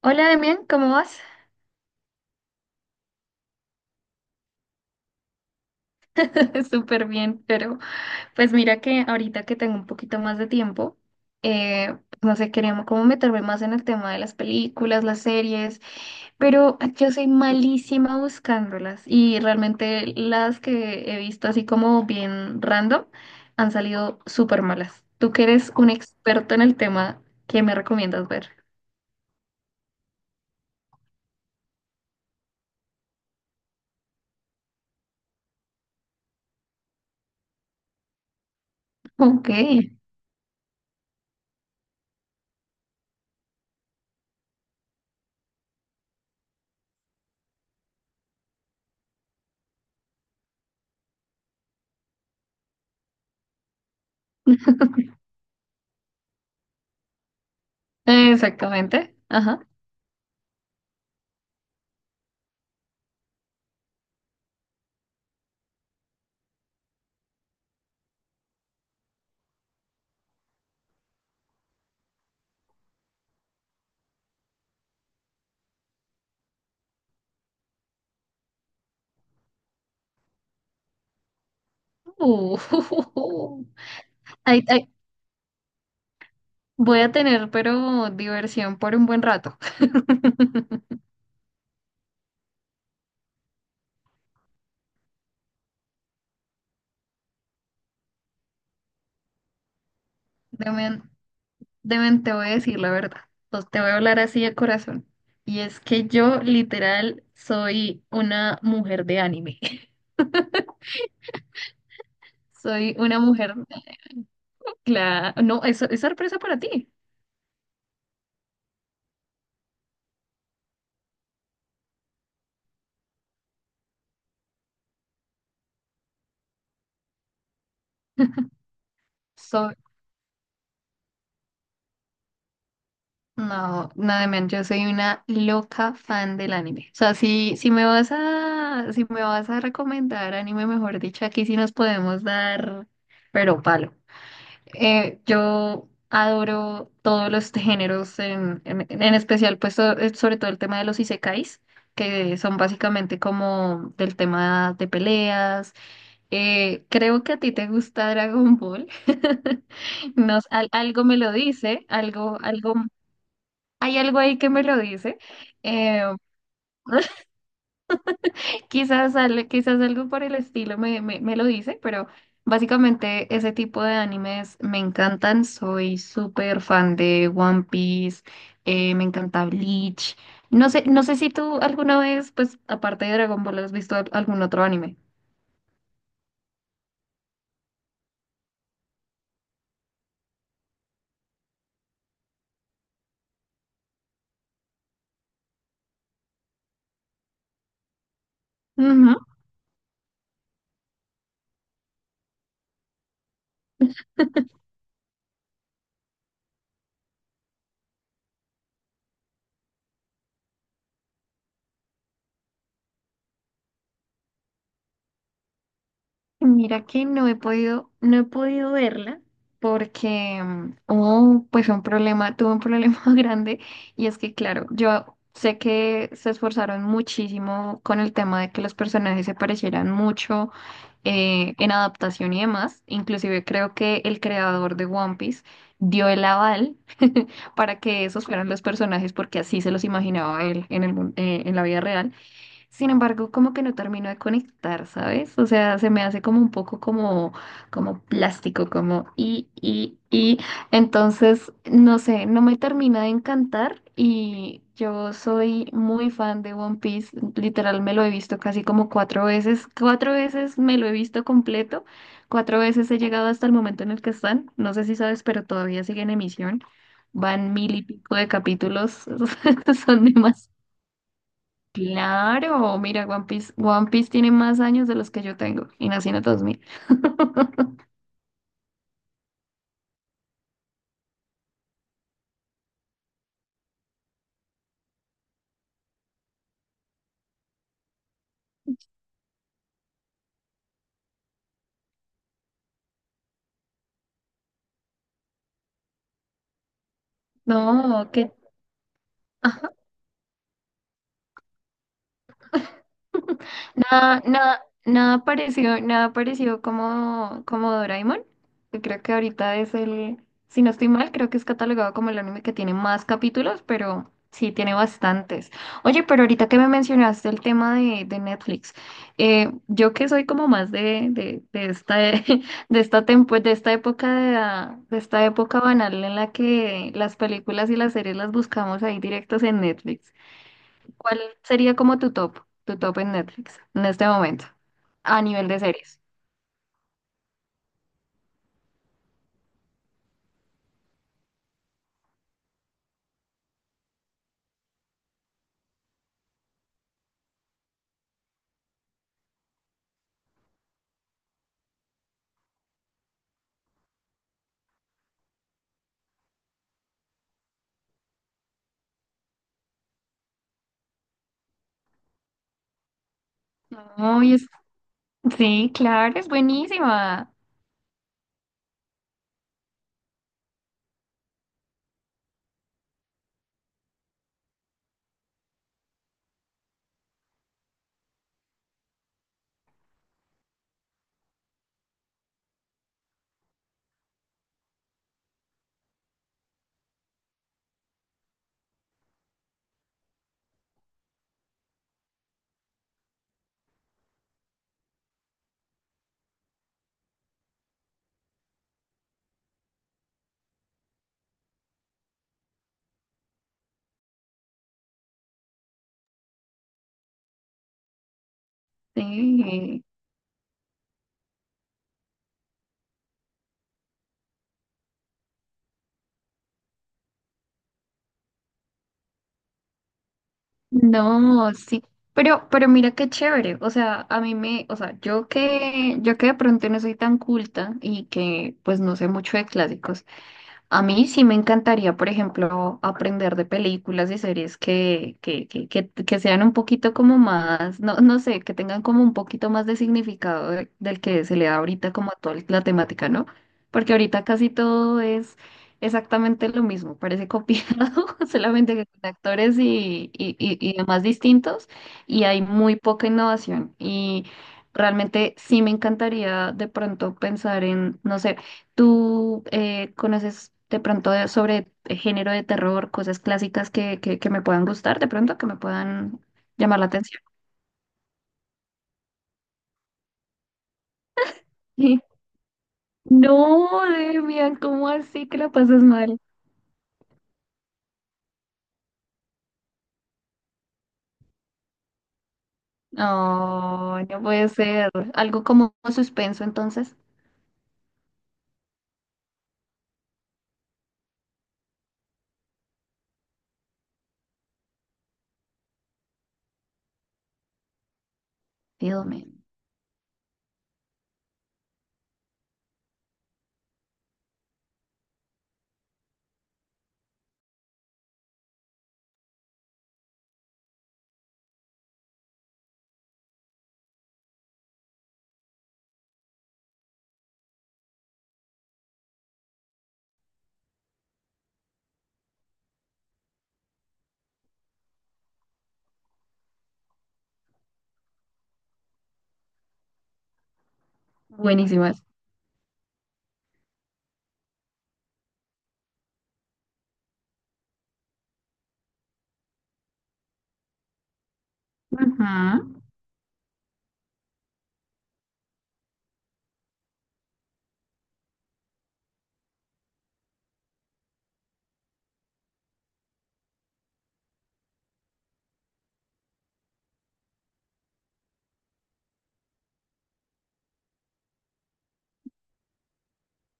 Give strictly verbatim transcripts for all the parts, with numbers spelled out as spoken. Hola Demian, ¿cómo vas? Súper bien, pero pues mira que ahorita que tengo un poquito más de tiempo, eh, pues, no sé, quería como meterme más en el tema de las películas, las series, pero yo soy malísima buscándolas y realmente las que he visto así como bien random han salido súper malas. Tú que eres un experto en el tema, ¿qué me recomiendas ver? Ok, exactamente. Ajá. Uh, Ahí, ahí- Voy a tener, pero diversión por un buen rato. Deben, deben te voy a decir la verdad. Pues te voy a hablar así de corazón. Y es que yo literal soy una mujer de anime. Soy una mujer. Claro. No, eso es sorpresa para ti. Soy, no, nada menos, yo soy una loca fan del anime. O sea, si, si me vas a, si me vas a recomendar anime, mejor dicho, aquí sí nos podemos dar, pero palo. Eh, yo adoro todos los géneros, en, en- en especial pues so- eh, sobre todo el tema de los isekais, que son básicamente como del tema de peleas. Eh, creo que a ti te gusta Dragon Ball. No, s- al- algo me lo dice, algo, algo, hay algo ahí que me lo dice. Eh, Quizás, al- quizás algo por el estilo me, me, me lo dice, pero básicamente ese tipo de animes me encantan. Soy súper fan de One Piece, eh, me encanta Bleach. No sé, no sé si tú alguna vez, pues aparte de Dragon Ball, has visto al- algún otro anime. Mira que no he podido, no he podido verla porque mm, hubo pues un problema, tuve un problema grande y es que claro, yo sé que se esforzaron muchísimo con el tema de que los personajes se parecieran mucho eh, en adaptación y demás. Inclusive creo que el creador de One Piece dio el aval para que esos fueran los personajes porque así se los imaginaba él en el, mun- eh, en la vida real. Sin embargo, como que no termino de conectar, ¿sabes? O sea, se me hace como un poco como, como plástico, como y, y, y. Entonces, no sé, no me termina de encantar y yo soy muy fan de One Piece. Literal, me lo he visto casi como cuatro veces. Cuatro veces me lo he visto completo. Cuatro veces he llegado hasta el momento en el que están. No sé si sabes, pero todavía sigue en emisión. Van mil y pico de capítulos. Son demasiados. Claro, mira, One Piece, One Piece tiene más años de los que yo tengo y nací en el dos mil. No, que... Nada, nada, nada parecido, nada parecido como, como Doraemon, que creo que ahorita es el, si no estoy mal, creo que es catalogado como el anime que tiene más capítulos, pero sí tiene bastantes. Oye, pero ahorita que me mencionaste el tema de, de Netflix, eh, yo que soy como más de, de, de esta, de esta tempo- de esta época de, la- de esta época banal en la que las películas y las series las buscamos ahí directos en Netflix. ¿Cuál sería como tu top, tu top en Netflix en este momento, a nivel de series? No, y es- sí, claro, es buenísima. Sí, no, sí. Pero, pero mira qué chévere. O sea, a mí me, o sea, yo que, yo que de pronto no soy tan culta y que pues no sé mucho de clásicos. A mí sí me encantaría, por ejemplo, aprender de películas y series que, que, que, que, que sean un poquito como más, no, no sé, que tengan como un poquito más de significado de- del que se le da ahorita como a toda la temática, ¿no? Porque ahorita casi todo es exactamente lo mismo, parece copiado, solamente que con actores y, y, y, y demás distintos, y hay muy poca innovación. Y realmente sí me encantaría de pronto pensar en, no sé, ¿tú eh, conoces de pronto de- sobre eh, género de terror, cosas clásicas que, que, que me puedan gustar de pronto, que me puedan llamar la atención? Sí. No, Demian, ¿cómo así que la pasas mal? No, no puede ser. Algo como suspenso, entonces. Fíjame. Buenísimas. Ujú.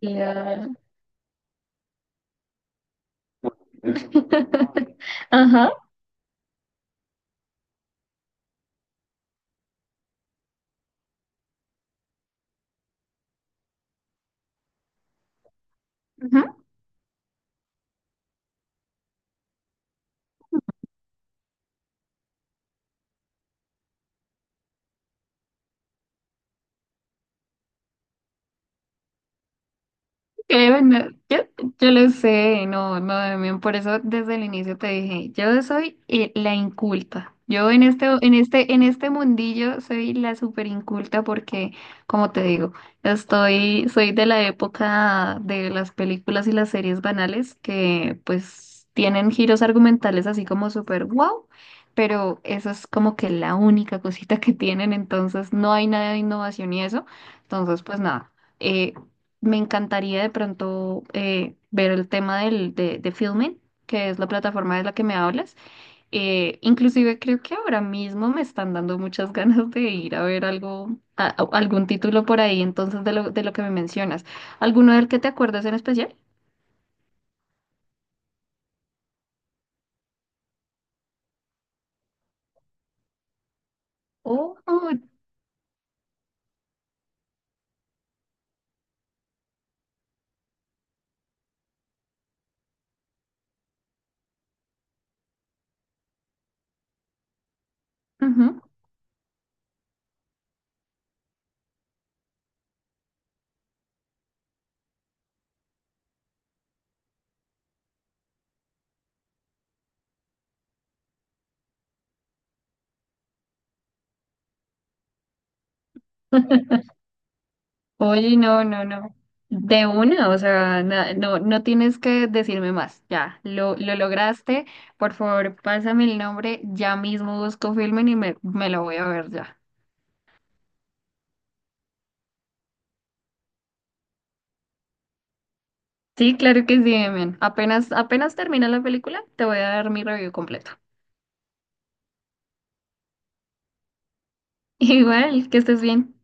La- Ajá. Ujú. Eh, no, yo, yo lo sé, no, no, Damián, por eso desde el inicio te dije, yo soy eh, la inculta. Yo en este, en este, en este mundillo soy la super inculta porque, como te digo, estoy, soy de la época de las películas y las series banales que pues tienen giros argumentales así como super wow, pero eso es como que la única cosita que tienen, entonces no hay nada de innovación y eso. Entonces, pues nada eh, me encantaría de pronto eh, ver el tema del, de, de Filmin, que es la plataforma de la que me hablas. Eh, inclusive creo que ahora mismo me están dando muchas ganas de ir a ver algo, a- a- algún título por ahí, entonces de lo, de lo que me mencionas. ¿Alguno del que te acuerdas en especial? Oh, ujú. Oye, no, no, no. De una, o sea, na- no, no tienes que decirme más. Ya, lo, lo lograste. Por favor, pásame el nombre. Ya mismo busco Filmin y me, me lo voy a ver ya. Sí, claro que sí, Demian. Apenas, apenas termina la película, te voy a dar mi review completo. Igual, que estés bien.